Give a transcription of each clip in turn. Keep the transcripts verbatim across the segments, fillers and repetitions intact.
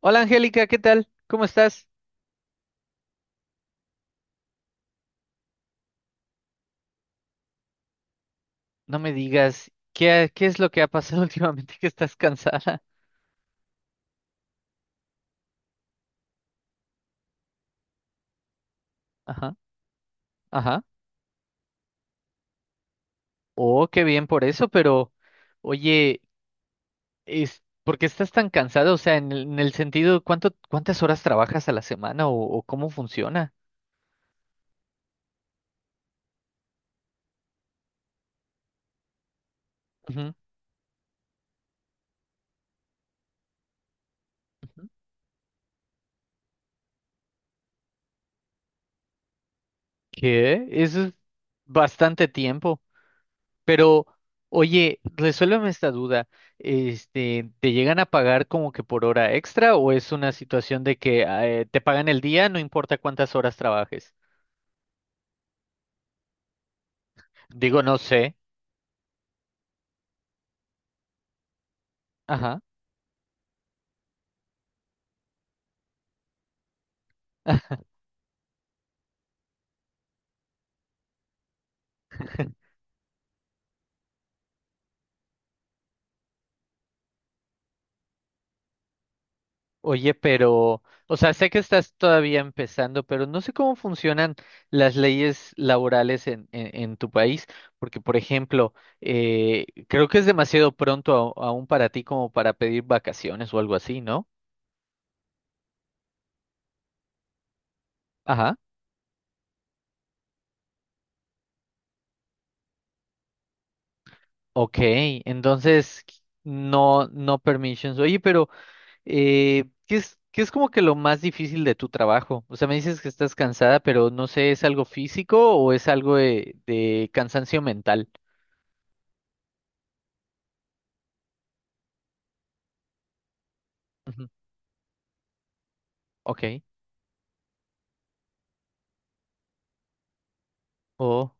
Hola Angélica, ¿qué tal? ¿Cómo estás? No me digas, ¿qué, ha- qué es lo que ha pasado últimamente que estás cansada? Ajá, ajá. Oh, qué bien por eso, pero oye, es, ¿por qué estás tan cansada? O sea, en el, en el sentido, ¿cuánto, ¿cuántas horas trabajas a la semana o, o cómo funciona? Ujú, ujú. ¿Qué? Eso es bastante tiempo. Pero, oye, resuélveme esta duda. Este, ¿te llegan a pagar como que por hora extra o es una situación de que ah, eh, te pagan el día, no importa cuántas horas trabajes? Digo, no sé. Ajá. Oye, pero, o sea, sé que estás todavía empezando, pero no sé cómo funcionan las leyes laborales en, en, en tu país, porque, por ejemplo, eh, creo que es demasiado pronto a- aún para ti como para pedir vacaciones o algo así, ¿no? Ajá. Ok, entonces no, no permissions. Oye, pero eh, ¿qué es, qué es como que lo más difícil de tu trabajo? O sea, me dices que estás cansada, pero no sé, ¿es algo físico o es algo de, de cansancio mental? Ujú, ok. Oh,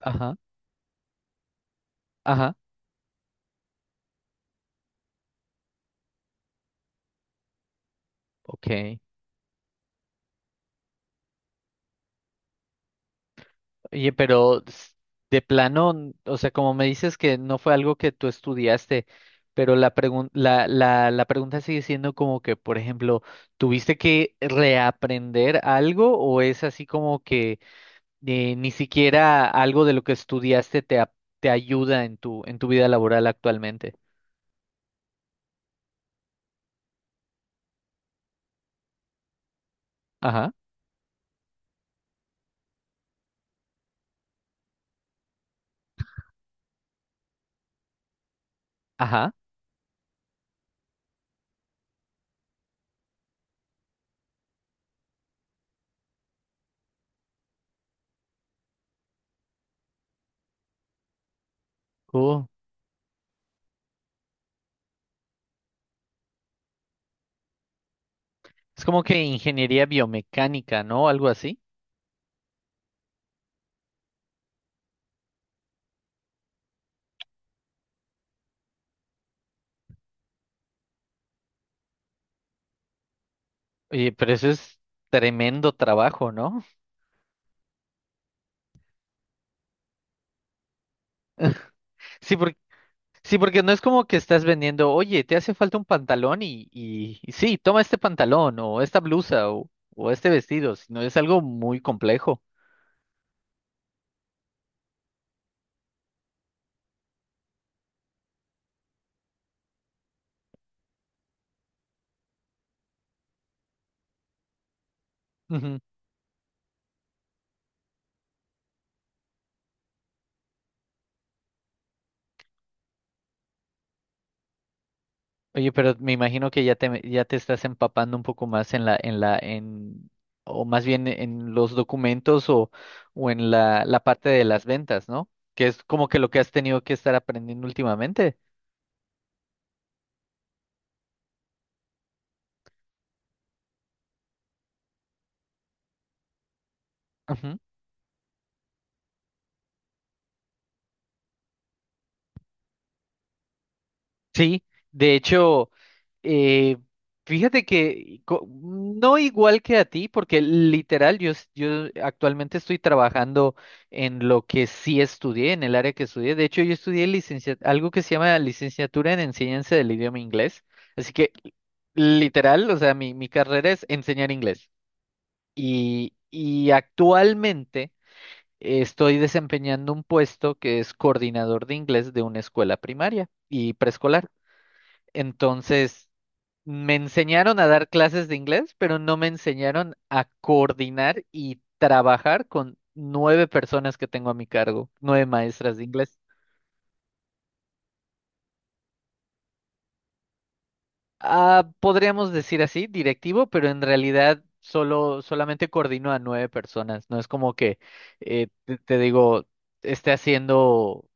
ajá, ajá, ok. Oye, pero s- de plano, n- o sea, como me dices que no fue algo que tú estudiaste, pero la pregun- la, la, la pregunta sigue siendo como que, por ejemplo, ¿tuviste que reaprender algo o es así como que eh, ni siquiera algo de lo que estudiaste te, ap- te ayuda en tu, en tu vida laboral actualmente? Ajá, ajá. Oh. Es como que ingeniería biomecánica, ¿no? Algo así. Oye, pero eso es tremendo trabajo, ¿no? Sí, porque sí, porque no es como que estás vendiendo, oye, te hace falta un pantalón y, y, y sí, toma este pantalón o esta blusa o, o este vestido, sino es algo muy complejo. Ujú. Oye, pero me imagino que ya te, me- ya te estás empapando un poco más en la, en la, en, o más bien en los documentos o, o en la, la parte de las ventas, ¿no? Que es como que lo que has tenido que estar aprendiendo últimamente. Sí, de hecho, eh, fíjate que co- no igual que a ti, porque literal yo, es- yo actualmente estoy trabajando en lo que sí estudié, en el área que estudié. De hecho, yo estudié licencia- algo que se llama licenciatura en enseñanza del idioma inglés. Así que literal, o sea, mi, mi carrera es enseñar inglés. Y, y actualmente estoy desempeñando un puesto que es coordinador de inglés de una escuela primaria y preescolar. Entonces, me enseñaron a dar clases de inglés, pero no me enseñaron a coordinar y trabajar con nueve personas que tengo a mi cargo, nueve maestras de inglés. Ah, podríamos decir así, directivo, pero en realidad solo, solamente coordino a nueve personas. No es como que eh, te, te digo, esté haciendo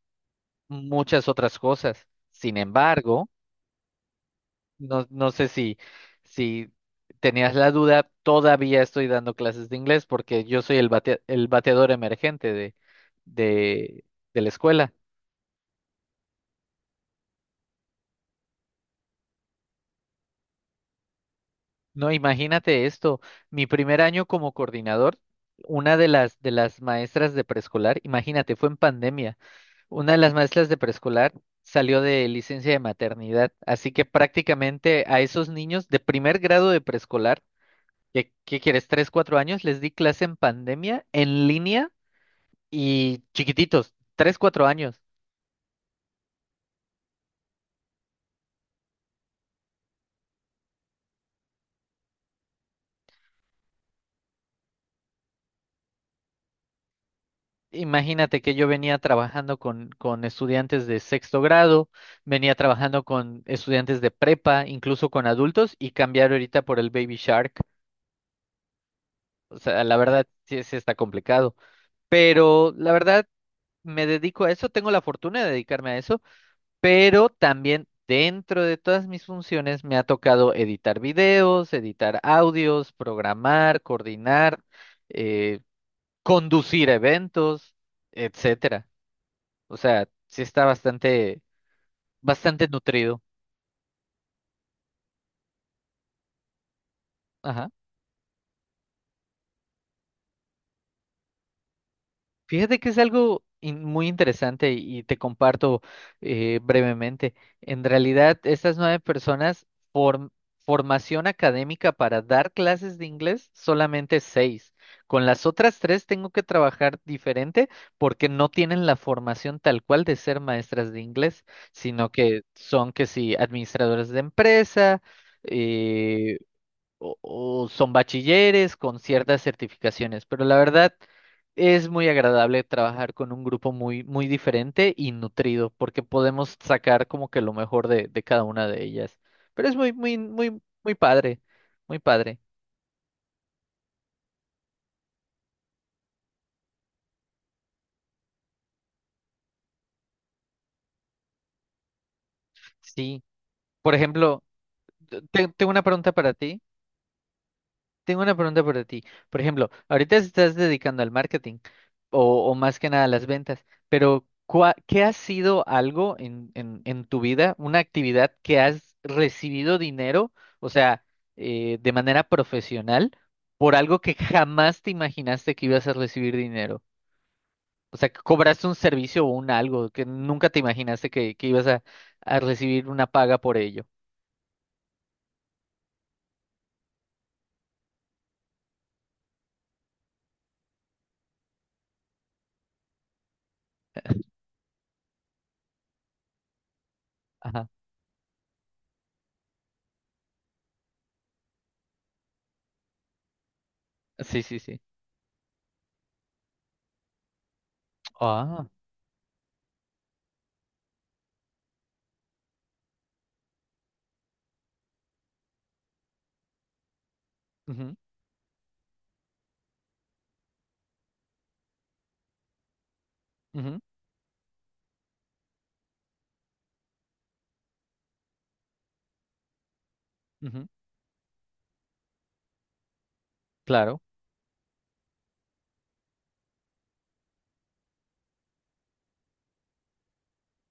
muchas otras cosas. Sin embargo, no, no sé si, si tenías la duda, todavía estoy dando clases de inglés porque yo soy el bate- el bateador emergente de, de, de la escuela. No, imagínate esto, mi primer año como coordinador, una de las, de las maestras de preescolar, imagínate, fue en pandemia, una de las maestras de preescolar salió de licencia de maternidad, así que prácticamente a esos niños de primer grado de preescolar, ¿qué, qué quieres? ¿Tres, cuatro años? Les di clase en pandemia, en línea y chiquititos, tres, cuatro años. Imagínate que yo venía trabajando con, con estudiantes de sexto grado, venía trabajando con estudiantes de prepa, incluso con adultos, y cambiar ahorita por el Baby Shark. O sea, la verdad sí, sí está complicado. Pero la verdad me dedico a eso, tengo la fortuna de dedicarme a eso, pero también dentro de todas mis funciones me ha tocado editar videos, editar audios, programar, coordinar eh, conducir eventos, etcétera. O sea, sí está bastante, bastante nutrido. Ajá. Fíjate que es algo in- muy interesante y te comparto eh, brevemente. En realidad, estas nueve personas, form- formación académica para dar clases de inglés, solamente seis. Con las otras tres tengo que trabajar diferente porque no tienen la formación tal cual de ser maestras de inglés, sino que son que sí, administradores de empresa, eh, o, o son bachilleres con ciertas certificaciones, pero la verdad es muy agradable trabajar con un grupo muy, muy diferente y nutrido, porque podemos sacar como que lo mejor de, de cada una de ellas. Pero es muy, muy, muy, muy padre, muy padre. Sí. Por ejemplo, te- tengo una pregunta para ti. Tengo una pregunta para ti. Por ejemplo, ahorita estás dedicando al marketing o, o más que nada a las ventas, pero ¿cuá- ¿qué ha sido algo en, en, en tu vida, una actividad que has recibido dinero, o sea, eh, de manera profesional, por algo que jamás te imaginaste que ibas a recibir dinero? O sea, que cobraste un servicio o un algo que nunca te imaginaste que, que ibas a, a recibir una paga por ello. Ajá. Sí, sí, sí. Ah. Ujú, ujú, ujú, claro.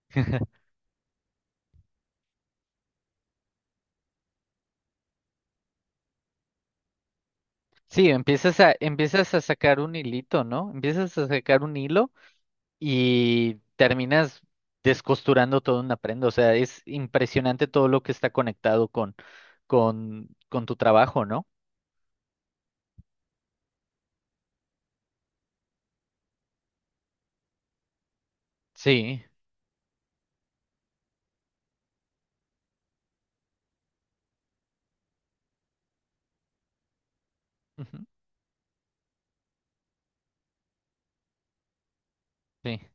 Sí, empiezas a, empiezas a sacar un hilito, ¿no? Empiezas a sacar un hilo y terminas descosturando toda una prenda. O sea, es impresionante todo lo que está conectado con, con, con tu trabajo, ¿no? Sí, ujú, sí,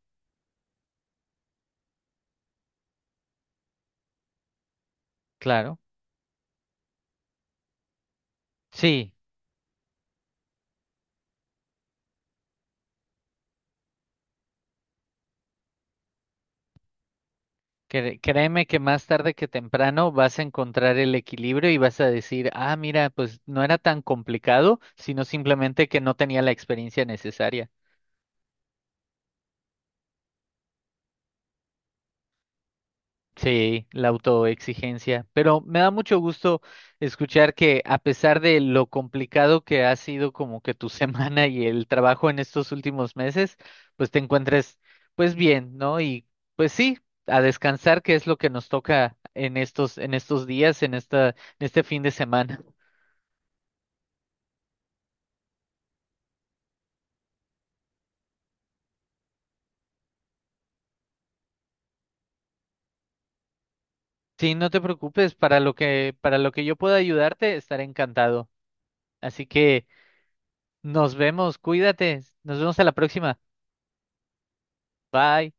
claro. Sí, cre- créeme que más tarde que temprano vas a encontrar el equilibrio y vas a decir, ah, mira, pues no era tan complicado, sino simplemente que no tenía la experiencia necesaria. Sí, la autoexigencia. Pero me da mucho gusto escuchar que a pesar de lo complicado que ha sido como que tu semana y el trabajo en estos últimos meses, pues te encuentres pues bien, ¿no? Y pues sí, a descansar, que es lo que nos toca en estos, en estos días, en esta, en este fin de semana. Sí, no te preocupes, para lo que, para lo que yo pueda ayudarte, estaré encantado. Así que nos vemos, cuídate, nos vemos a la próxima. Bye.